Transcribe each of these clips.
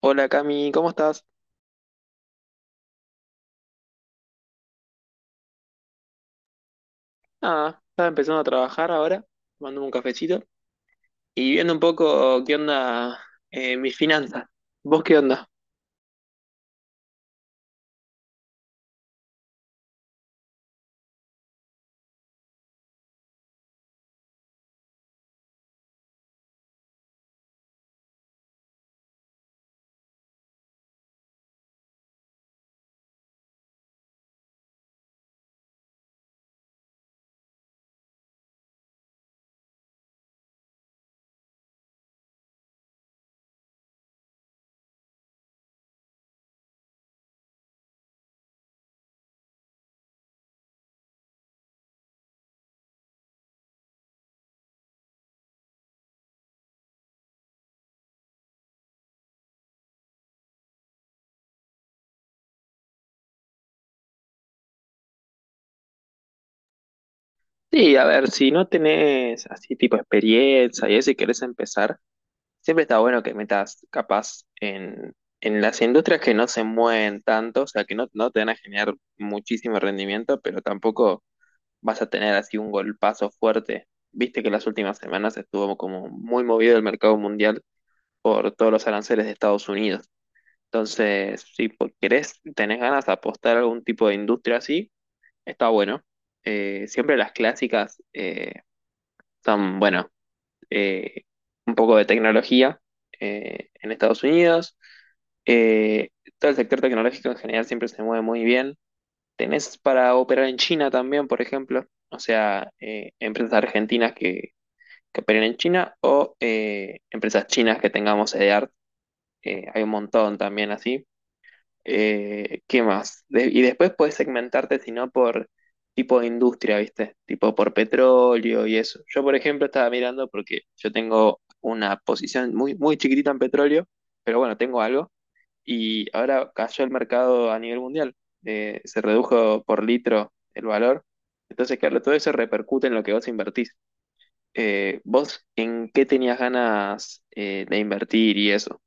Hola Cami, ¿cómo estás? Nada, estaba empezando a trabajar ahora, tomando un cafecito y viendo un poco qué onda, mis finanzas. ¿Vos qué onda? Sí, a ver, si no tenés así tipo experiencia y eso y querés empezar, siempre está bueno que metas capaz en las industrias que no se mueven tanto, o sea, que no te van a generar muchísimo rendimiento, pero tampoco vas a tener así un golpazo fuerte. Viste que las últimas semanas estuvo como muy movido el mercado mundial por todos los aranceles de Estados Unidos. Entonces, si querés, tenés ganas de apostar a algún tipo de industria así, está bueno. Siempre las clásicas, son, bueno, eh, un poco de tecnología, en Estados Unidos. Eh, Todo el sector tecnológico en general siempre se mueve muy bien. Tenés para operar en China también, por ejemplo, o sea, empresas argentinas que operen en China o, empresas chinas que tengamos sede, hay un montón también así. ¿Qué más? Y después puedes segmentarte, si no, por tipo de industria, ¿viste? Tipo por petróleo y eso. Yo, por ejemplo, estaba mirando porque yo tengo una posición muy, muy chiquitita en petróleo, pero bueno, tengo algo. Y ahora cayó el mercado a nivel mundial. Se redujo por litro el valor. Entonces, claro, todo eso repercute en lo que vos invertís. ¿Vos en qué tenías ganas, de invertir y eso?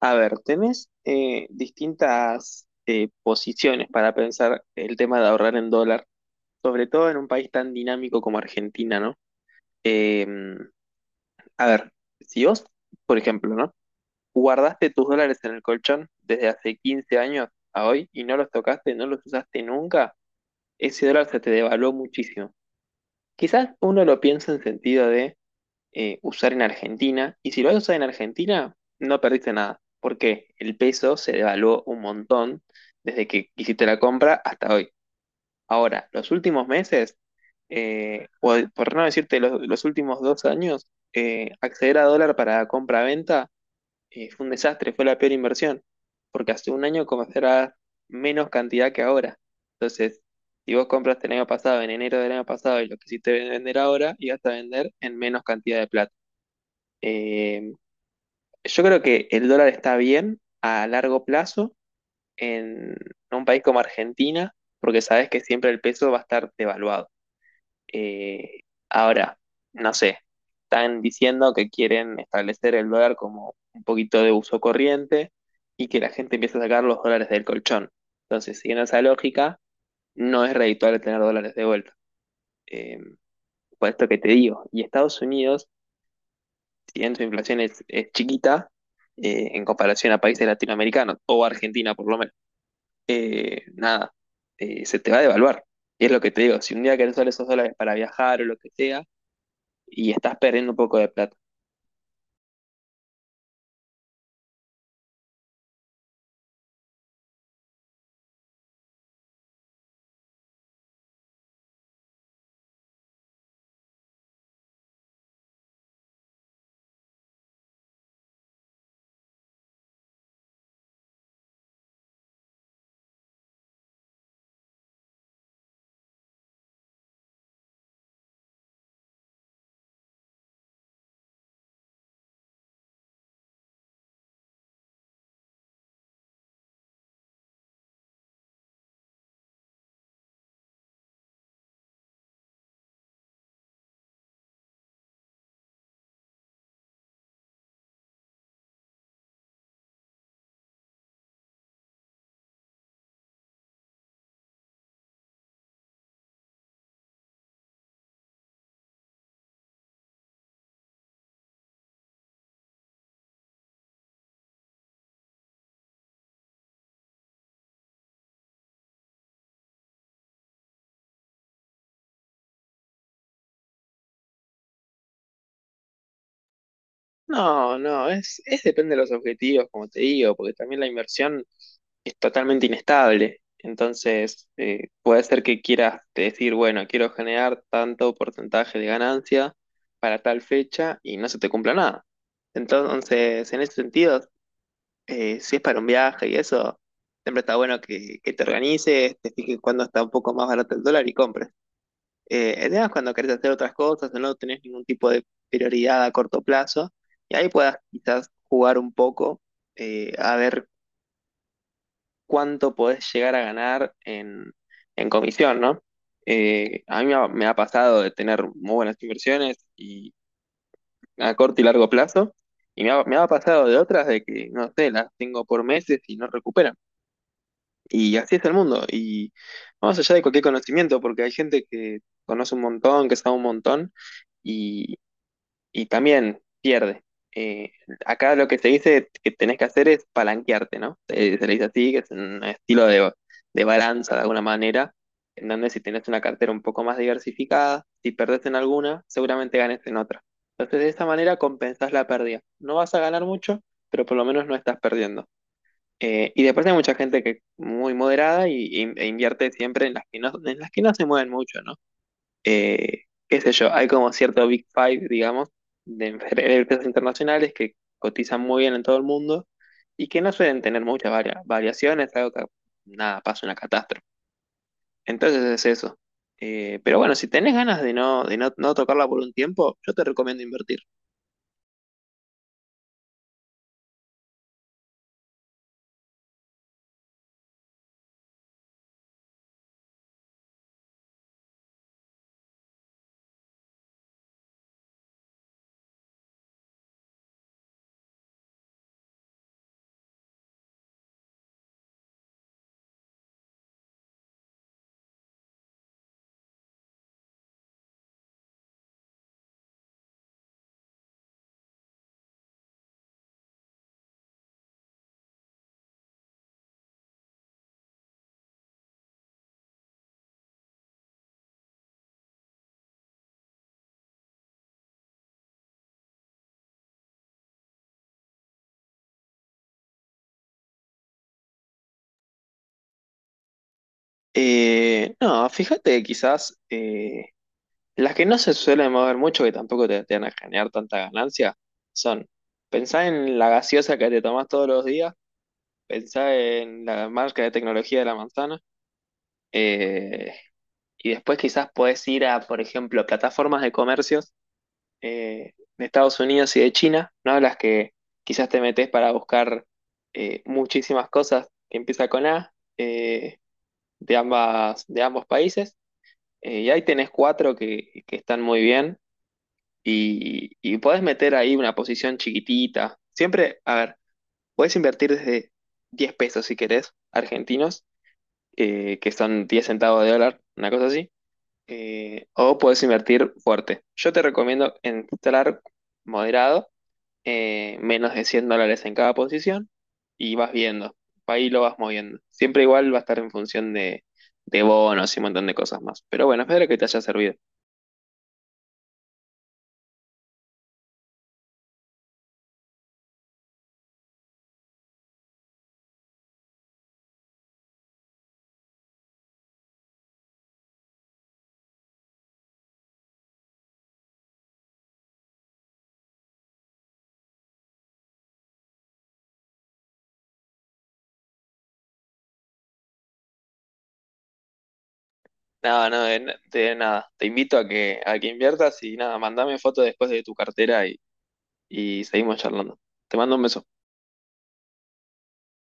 A ver, tenés, distintas, posiciones para pensar el tema de ahorrar en dólar, sobre todo en un país tan dinámico como Argentina, ¿no? Eh, a ver, si vos, por ejemplo, ¿no? Guardaste tus dólares en el colchón desde hace 15 años a hoy y no los tocaste, no los usaste nunca, ese dólar se te devaluó muchísimo. Quizás uno lo piensa en sentido de, usar en Argentina. Y si lo vas a usar en Argentina, no perdiste nada, porque el peso se devaluó un montón desde que hiciste la compra hasta hoy. Ahora, los últimos meses, o por no decirte los últimos 2 años, acceder a dólar para compra-venta, fue un desastre, fue la peor inversión, porque hace un año comenzará menos cantidad que ahora. Entonces, si vos compraste el año pasado, en enero del año pasado, y lo quisiste vender ahora, ibas a vender en menos cantidad de plata. Eh, yo creo que el dólar está bien a largo plazo en un país como Argentina, porque sabes que siempre el peso va a estar devaluado. Eh, Ahora, no sé, están diciendo que quieren establecer el dólar como un poquito de uso corriente y que la gente empiece a sacar los dólares del colchón. Entonces, siguiendo esa lógica, no es redituable tener dólares de vuelta. Eh, por esto que te digo, y Estados Unidos, si bien su inflación es chiquita, en comparación a países latinoamericanos o Argentina por lo menos, nada, se te va a devaluar. Y es lo que te digo, si un día querés usar esos dólares para viajar o lo que sea, y estás perdiendo un poco de plata. No, no, es depende de los objetivos, como te digo, porque también la inversión es totalmente inestable. Entonces, puede ser que quieras decir, bueno, quiero generar tanto porcentaje de ganancia para tal fecha y no se te cumpla nada. Entonces, en ese sentido, si es para un viaje y eso, siempre está bueno que te organices, te fijes cuándo está un poco más barato el dólar y compres. El tema es cuando querés hacer otras cosas o no tenés ningún tipo de prioridad a corto plazo y ahí puedas quizás jugar un poco, a ver cuánto podés llegar a ganar en comisión, ¿no? A mí me ha pasado de tener muy buenas inversiones y a corto y largo plazo, y me ha pasado de otras de que, no sé, las tengo por meses y no recuperan. Y así es el mundo. Y más allá de cualquier conocimiento, porque hay gente que conoce un montón, que sabe un montón, y también pierde. Eh, Acá lo que se dice que tenés que hacer es palanquearte, ¿no? Se le dice así, que es un estilo de balanza de alguna manera, en donde si tenés una cartera un poco más diversificada, si perdés en alguna, seguramente ganes en otra. Entonces, de esta manera compensás la pérdida. No vas a ganar mucho, pero por lo menos no estás perdiendo. Y después hay mucha gente que es muy moderada e invierte siempre en las que no se mueven mucho, ¿no? Qué sé yo, hay como cierto Big Five, digamos, de de empresas internacionales que cotizan muy bien en todo el mundo y que no suelen tener muchas variaciones, algo que nada, pasa una catástrofe. Entonces es eso. Pero bueno, si tenés ganas de no, no tocarla por un tiempo, yo te recomiendo invertir. No, fíjate, quizás, las que no se suelen mover mucho, que tampoco te van a generar tanta ganancia, son pensar en la gaseosa que te tomás todos los días. Pensá en la marca de tecnología de la manzana. eh, y después quizás podés ir a, por ejemplo, plataformas de comercios, de Estados Unidos y de China, ¿no? Las que quizás te metes para buscar, muchísimas cosas que empieza con A, de ambos países. Y ahí tenés cuatro que están muy bien, y podés meter ahí una posición chiquitita. Siempre, a ver, podés invertir desde 10 pesos si querés, argentinos, que son 10 centavos de dólar, una cosa así, o puedes invertir fuerte. Yo te recomiendo entrar moderado, menos de 100 dólares en cada posición, y vas viendo, ahí lo vas moviendo. Siempre igual va a estar en función de bonos y un montón de cosas más. Pero bueno, espero que te haya servido. Nada, no, de nada. Te invito a a que inviertas y nada, mandame foto después de tu cartera y seguimos charlando. Te mando un beso.